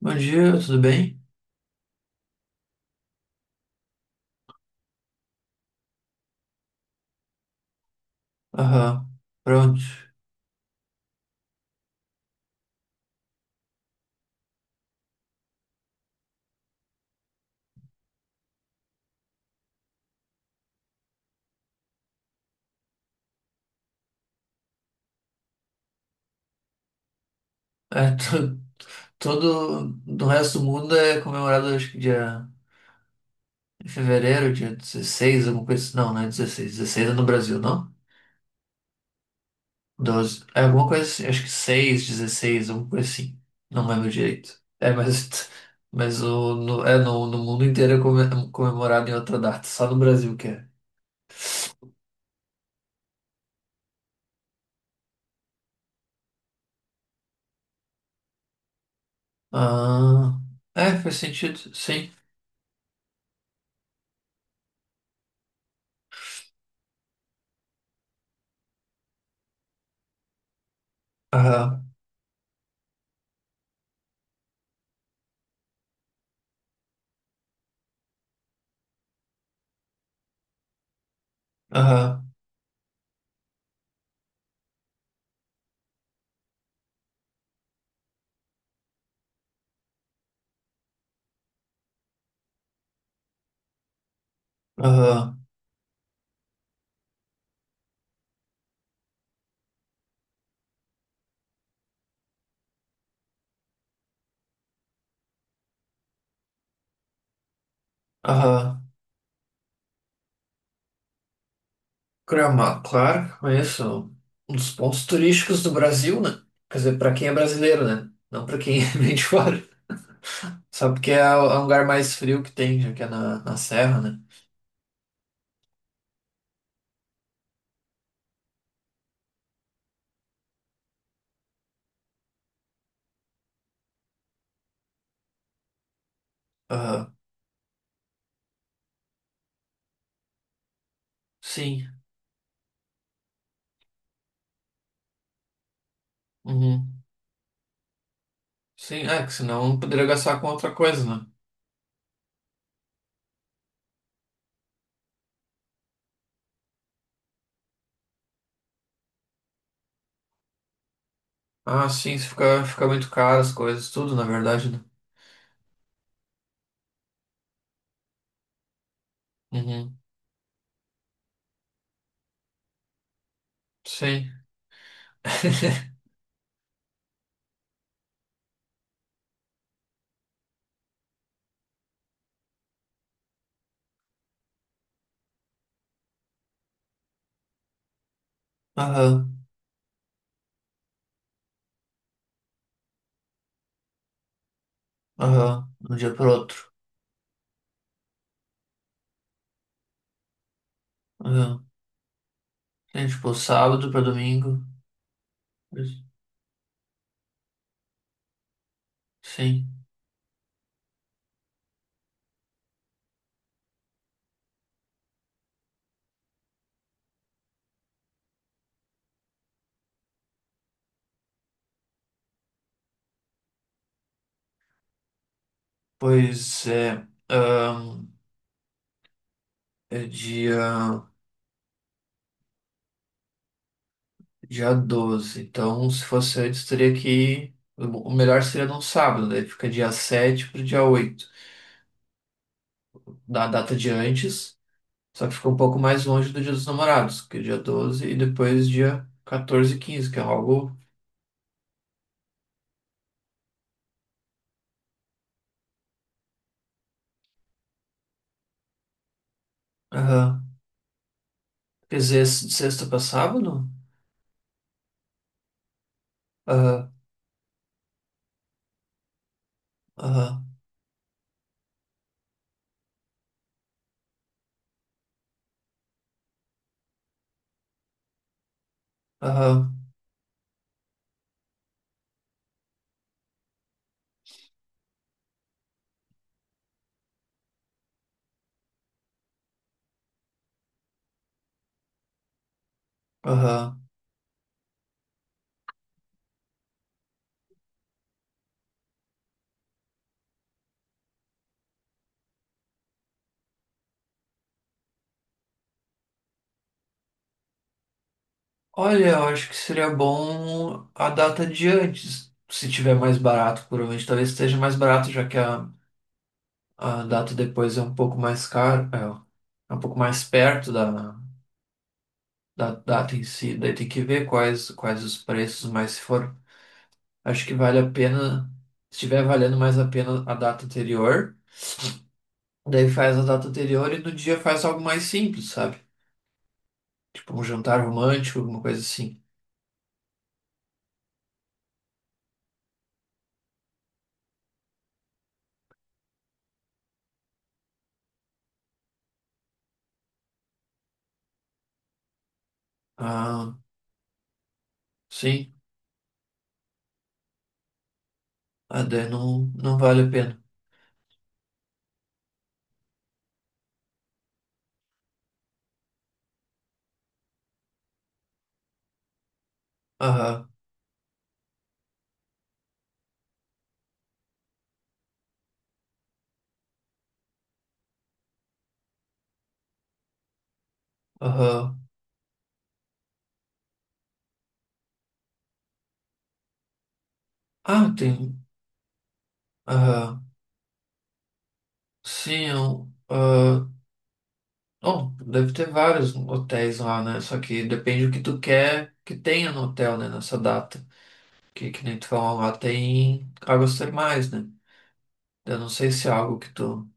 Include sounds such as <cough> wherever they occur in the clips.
Bom dia, tudo bem? Aham, pronto. É, <laughs> todo do resto do mundo é comemorado, acho que dia em fevereiro, dia 16, alguma coisa assim. Não, não é 16. 16 é no Brasil, não? 12, é alguma coisa assim, acho que 6, 16, alguma coisa assim. Não lembro direito. É, mas, <laughs> mas o, no, é, no, no mundo inteiro é comemorado em outra data, só no Brasil que é. Ah, é, faz sentido, sim. Aham, aham, aham, aham. Gramado, claro, conheço. Um dos pontos turísticos do Brasil, né? Quer dizer, para quem é brasileiro, né? Não para quem <laughs> é bem de fora. Só porque é o lugar mais frio que tem, já que é na serra, né? Ah, sim. Uhum. Sim, é que senão poderia gastar com outra coisa, né? Ah, sim, isso fica muito caro as coisas, tudo, na verdade, né? Uhum. Sim. <laughs> Aham, aham. De um dia pro outro. Aham. Sim, tipo, sábado para domingo. Sim. Pois é, ahn, é dia 12. Então, se fosse antes, teria que ir. O melhor seria num sábado, daí fica dia 7 para dia 8 da data de antes, só que fica um pouco mais longe do Dia dos Namorados, que é dia 12 e depois dia 14 e 15 que é algo. Aham. Quer dizer, de sexta para sábado? Aham, aham, aham, aham. Olha, eu acho que seria bom a data de antes, se tiver mais barato, provavelmente talvez esteja mais barato, já que a data depois é um pouco mais caro, é um pouco mais perto da data em si, daí tem que ver quais os preços, mas se for, acho que vale a pena, se estiver valendo mais a pena a data anterior, daí faz a data anterior e no dia faz algo mais simples, sabe? Tipo um jantar romântico, alguma coisa assim. Ah, sim, ah, daí não, não vale a pena. Aham. Aham. Ah, tem. Aham. Sim, eu, ah, bom, deve ter vários hotéis lá, né? Só que depende do que tu quer que tenha no hotel, né? Nessa data. Que nem tu falou lá, tem águas termais, né? Eu não sei se é algo que tu,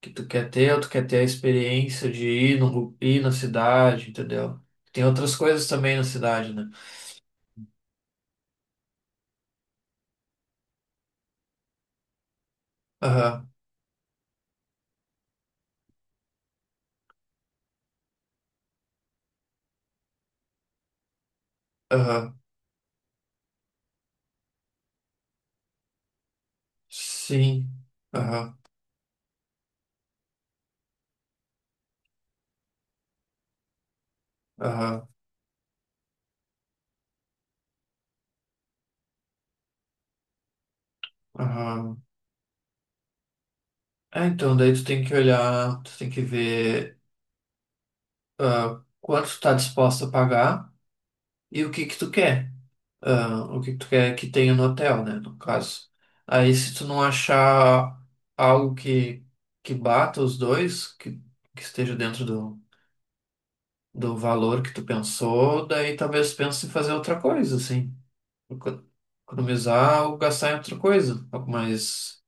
que tu quer ter ou tu quer ter a experiência de ir, no, ir na cidade, entendeu? Tem outras coisas também na cidade, né? Aham, aham. Sim. Aham, aham, aham. É, então daí tu tem que olhar, tu tem que ver. Quanto tu tá disposto a pagar e o que que tu quer. Ah, o que que tu quer que tenha no hotel, né, no caso. Aí se tu não achar algo que bata os dois, que esteja dentro do valor que tu pensou, daí talvez pense em fazer outra coisa, assim. Eco- Economizar ou gastar em outra coisa, algo mais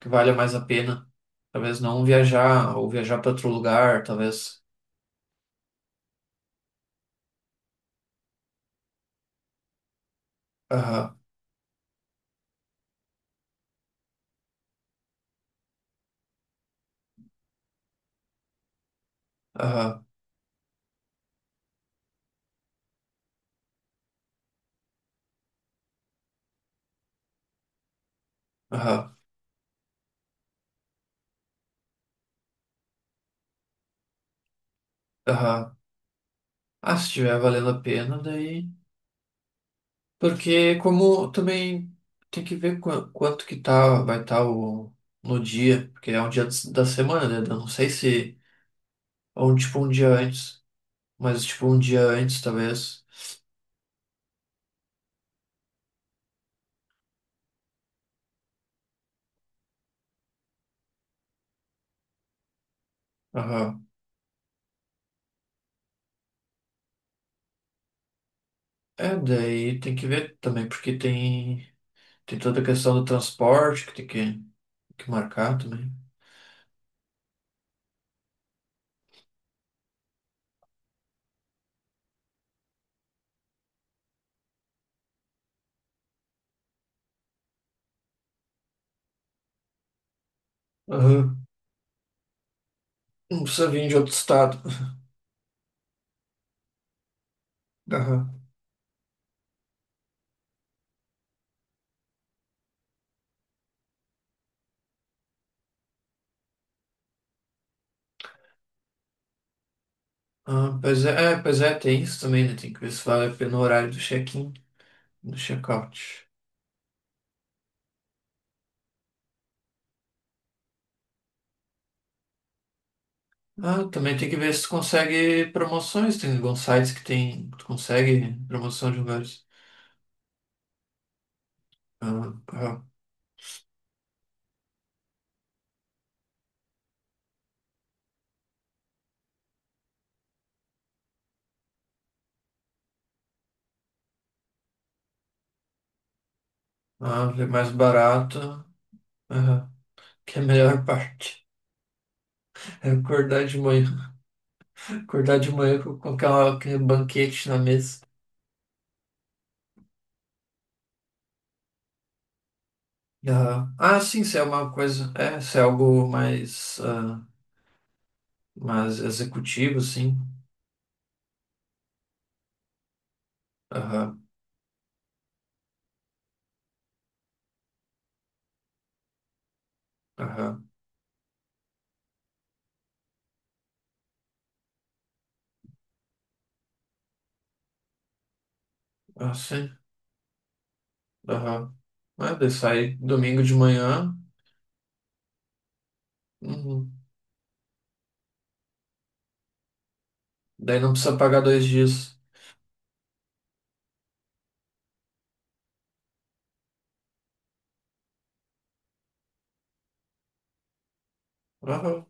que valha mais a pena. Talvez não viajar ou viajar para outro lugar, talvez. Aham, aham, aham, aham. Ah, se estiver valendo a pena, daí. Porque como também tem que ver quanto que tá, vai estar o no dia, porque é um dia da semana, né? Eu não sei se. Ou tipo um dia antes. Mas tipo um dia antes, talvez. Aham. É, daí tem que ver também, porque tem toda a questão do transporte que tem que marcar também. Aham. Não precisa vir de outro estado. Aham. Ah, pois é, tem isso também, né? Tem que ver se vale a pena o horário do check-in, do check-out. Ah, também tem que ver se tu consegue promoções. Tem alguns sites que tem, tu consegue promoção de lugares. Ah, ah, ah, é mais barato. Ah, que é a melhor parte. <laughs> É acordar de manhã. Acordar de manhã com aquela, aquele banquete na mesa. Ah, ah, sim, se é uma coisa. É, se é algo mais, ah, mais executivo, sim. Aham, aham. Ah, sim. Aham. É, daí sai domingo de manhã. Uhum. Daí não precisa pagar 2 dias. Aham.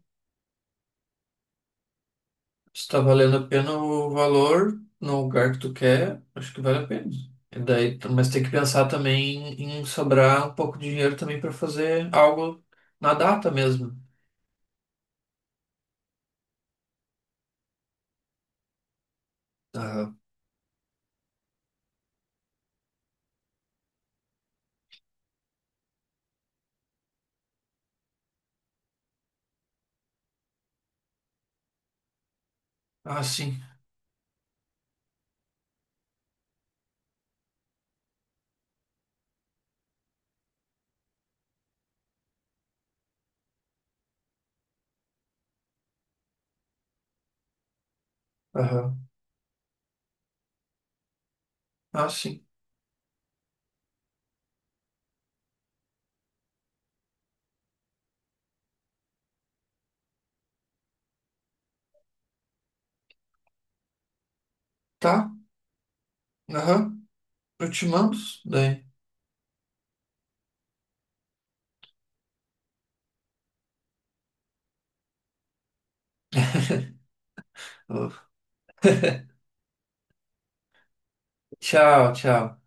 Se tá valendo a pena o valor no lugar que tu quer, acho que vale a pena. E daí, mas tem que pensar também em sobrar um pouco de dinheiro também para fazer algo na data mesmo. Aham. Ah, sim. Aham. Ah, sim. Tá. Aham. Eu te mando. Daí. Tchau, tchau.